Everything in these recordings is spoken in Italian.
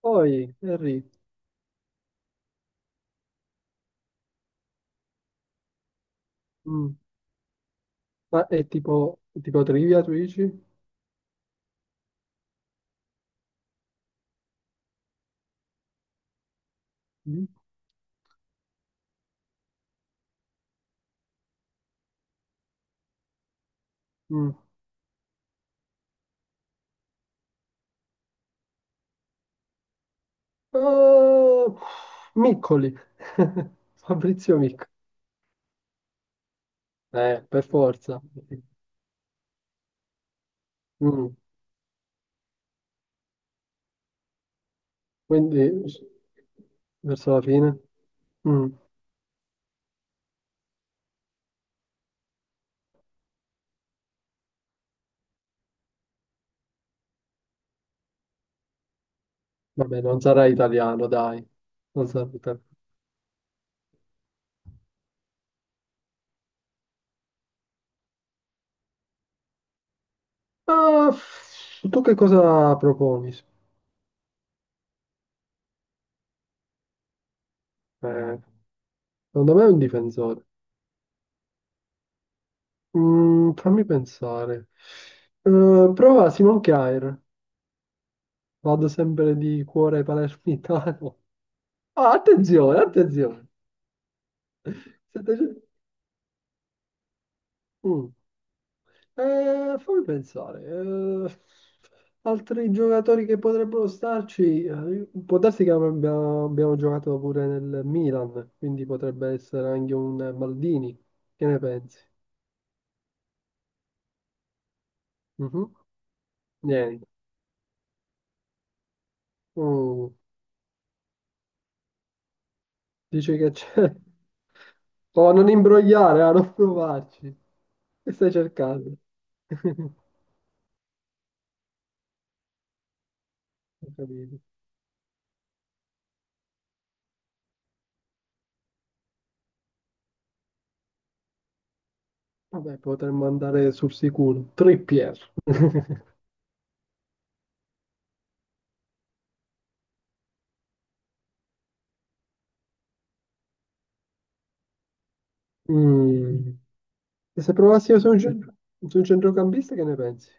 Poi, Henry, mm, ma è tipo trivia, tu dici? Mm, mm. Oh, Miccoli, Fabrizio Miccoli, per forza. Mm, Quindi, Verso la fine, mm, vabbè, non sarà italiano, dai. Non sarà italiano. Ah, tu che cosa proponi? Eh, secondo me è un difensore. Fammi pensare. Prova Simon Kjaer. Vado sempre di cuore palermitano. Ah, attenzione, attenzione. 700 mm. Fammi pensare. Altri giocatori che potrebbero starci, può darsi che abbiamo giocato pure nel Milan, quindi potrebbe essere anche un Maldini. Che ne pensi? Mhm. Niente. Mm. Dice che c'è. Oh, non imbrogliare, a non provarci. Che stai cercando? Ho capito. Vabbè, potremmo andare sul sicuro. Trippier. Mm. E se provassimo su un, su un centrocampista, che ne pensi?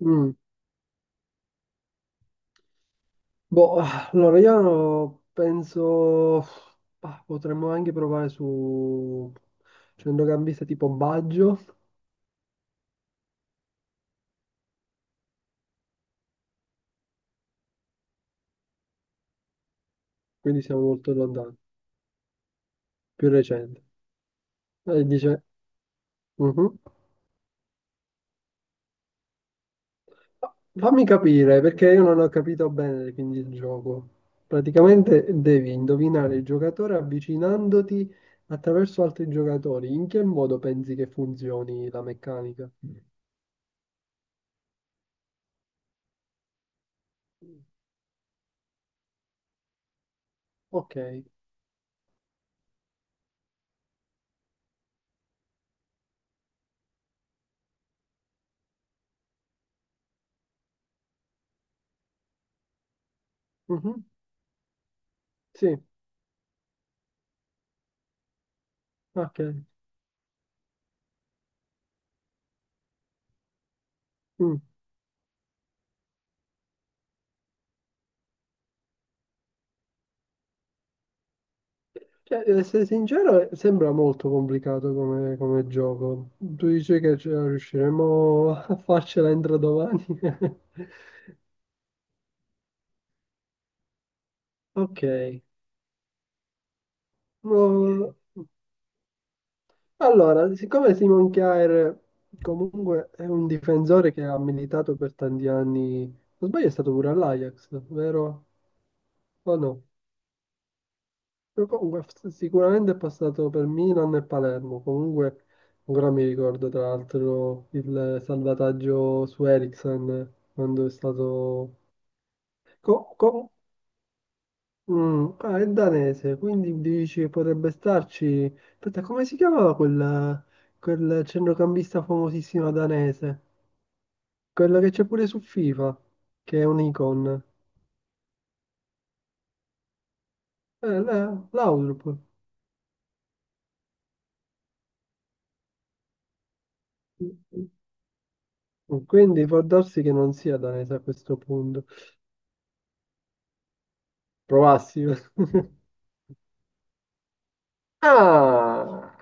Mm. Boh, allora io penso, potremmo anche provare su centrocampista tipo Baggio, quindi siamo molto lontani, più recente. Eh, dice... Mhm. Fammi capire, perché io non ho capito bene quindi il gioco. Praticamente devi indovinare il giocatore avvicinandoti attraverso altri giocatori. In che modo pensi che funzioni la meccanica? Ok. Mhm. Sì, ok. Mm. Cioè, ad essere sincero, sembra molto complicato come, come gioco. Tu dici che ce la riusciremo a farcela entro domani? Ok. No, Allora, siccome Simon Kjaer comunque è un difensore che ha militato per tanti anni, non sbaglio è stato pure all'Ajax, vero? O no? Però comunque sicuramente è passato per Milan e Palermo, comunque ancora mi ricordo tra l'altro il salvataggio su Eriksen quando è stato... co- co- ah, è danese, quindi dici che potrebbe starci... Aspetta, come si chiamava quel, quel centrocampista famosissimo danese? Quella che c'è pure su FIFA, che è un'icon. L'Outlook. Quindi può darsi che non sia danese a questo punto. Provassi. Ah!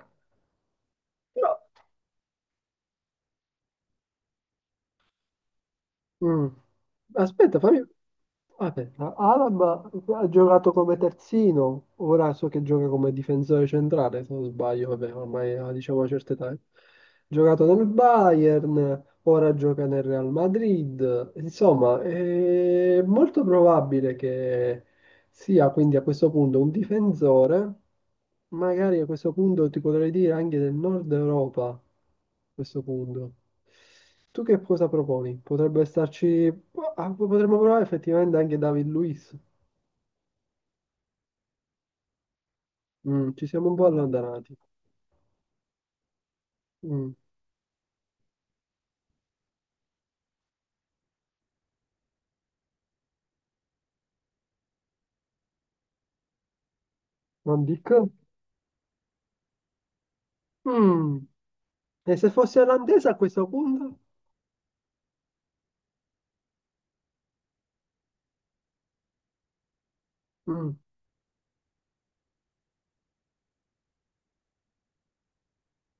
No. Mm. Aspetta, fammi... Aspetta, Alaba ha giocato come terzino, ora so che gioca come difensore centrale, se non sbaglio, vabbè, ormai ha, diciamo una certa età. Ha giocato nel Bayern, ora gioca nel Real Madrid, insomma, è molto probabile che si ha quindi a questo punto un difensore, magari a questo punto ti potrei dire anche del nord Europa, a questo punto. Tu che cosa proponi? Potrebbe starci, ah, potremmo provare effettivamente anche David Luiz. Mm, ci siamo un po' allontanati. Mm. Van Dijk? Mm. E se fosse olandese a questo punto? Mm.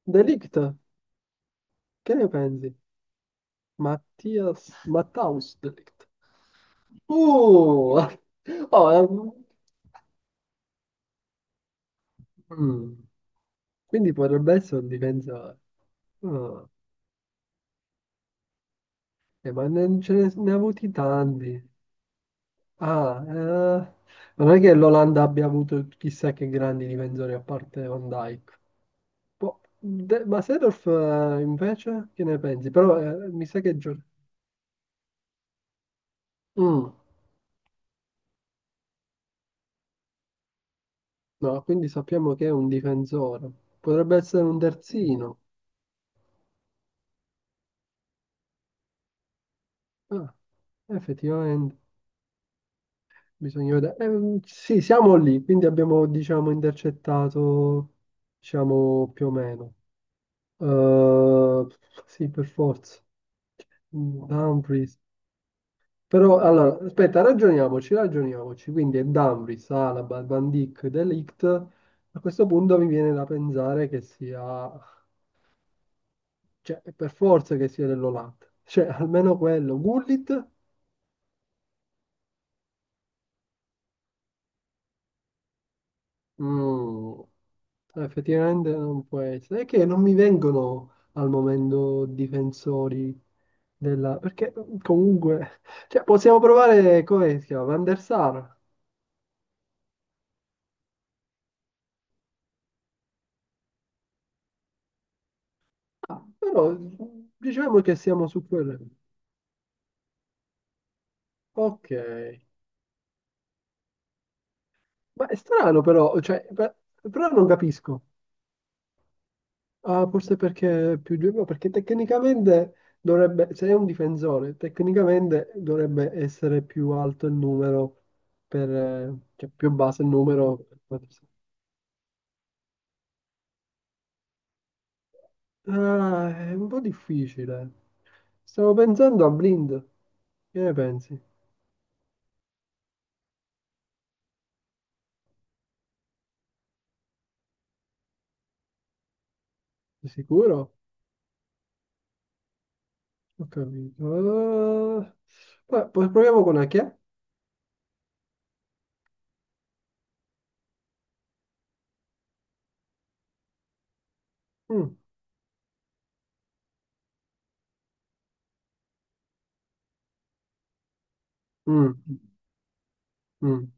De Ligt, che ne pensi? Mattias, Matthaus De Ligt. Uh! Oh, Mm. Quindi potrebbe essere un difensore. Ah, ma non ne ha avuti tanti. Ah, eh, Non è che l'Olanda abbia avuto chissà che grandi difensori a parte Van Dijk. Ma Seedorf invece che ne pensi? Però mi sa che Mm, no, quindi sappiamo che è un difensore. Potrebbe essere un terzino. Ah, effettivamente. Bisogna vedere. Sì, siamo lì, quindi abbiamo, diciamo, intercettato, diciamo, più o meno. Eh, sì, per forza. Mm, Dumfries. Però, allora, aspetta, ragioniamoci. Quindi è Dumfries, Alaba, Van Dijk, De Ligt. A questo punto mi viene da pensare che sia, cioè, per forza che sia dell'Olanda. Cioè, almeno quello. Gullit? Mm, effettivamente non può essere. È che non mi vengono al momento difensori della... Perché comunque... Cioè, possiamo provare, come si chiama? Van der Sar. Ah, però diciamo che siamo su quello. Ok. Ma è strano però, però non capisco. Ah, forse perché è più giovane, perché tecnicamente dovrebbe, se è un difensore, tecnicamente dovrebbe essere più alto il numero, per, cioè più basso il numero. Ah, è un po' difficile. Stavo pensando a Blind, che ne pensi? Sei sicuro? Ho capito. Poi proviamo con Achia. Mm, mm, mm.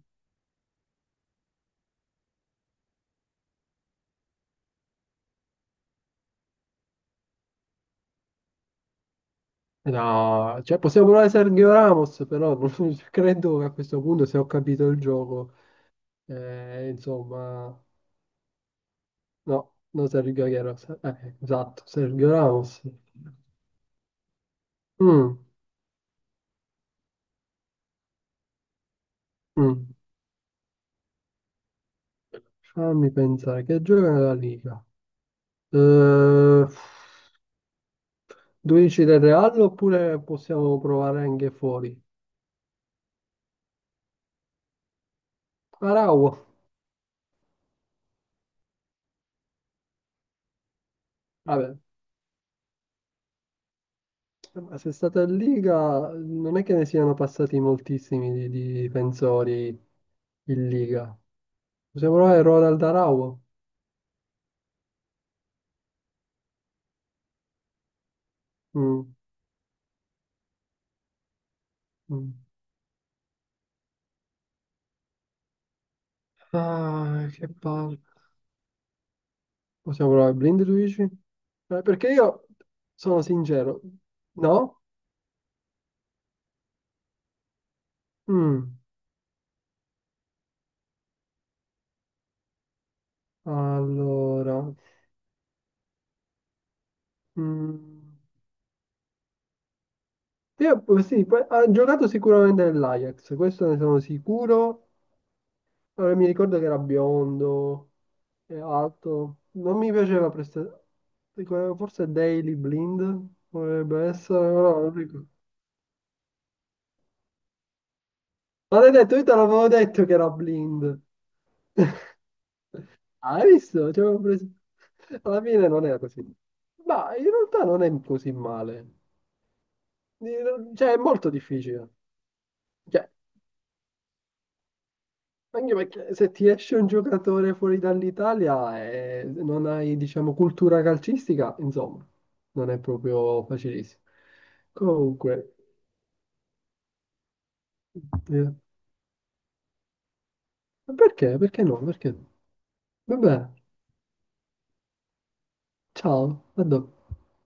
No, cioè possiamo provare Sergio Ramos, però non credo che a questo punto, se ho capito il gioco, insomma, no, non Sergio Aguero, esatto, Sergio Ramos. Mm, mm. Fammi pensare, che gioca nella Liga? Eh, 12 del Real oppure possiamo provare anche fuori? Arau, vabbè, ma se è stata in Liga non è che ne siano passati moltissimi di difensori in Liga. Possiamo provare Roald Dahl? Mm, mm. Ah, che palle. Possiamo provare Blind, tu dici? Perché io sono sincero. No? Mm, Allora. mm, Io sì, ha giocato sicuramente nell'Ajax, questo ne sono sicuro. Allora, mi ricordo che era biondo e alto. Non mi piaceva prestare. Forse Daily Blind potrebbe essere, però non ricordo. Ma l'hai detto, io te l'avevo detto che era blind. Hai visto? Ci avevo preso- Alla fine non era così. Ma in realtà non è così male. Cioè, è molto difficile. Cioè, anche perché se ti esce un giocatore fuori dall'Italia e non hai, diciamo, cultura calcistica, insomma, non è proprio facilissimo. Comunque, eh, perché? Perché no? Perché? Vabbè, ciao, a dopo.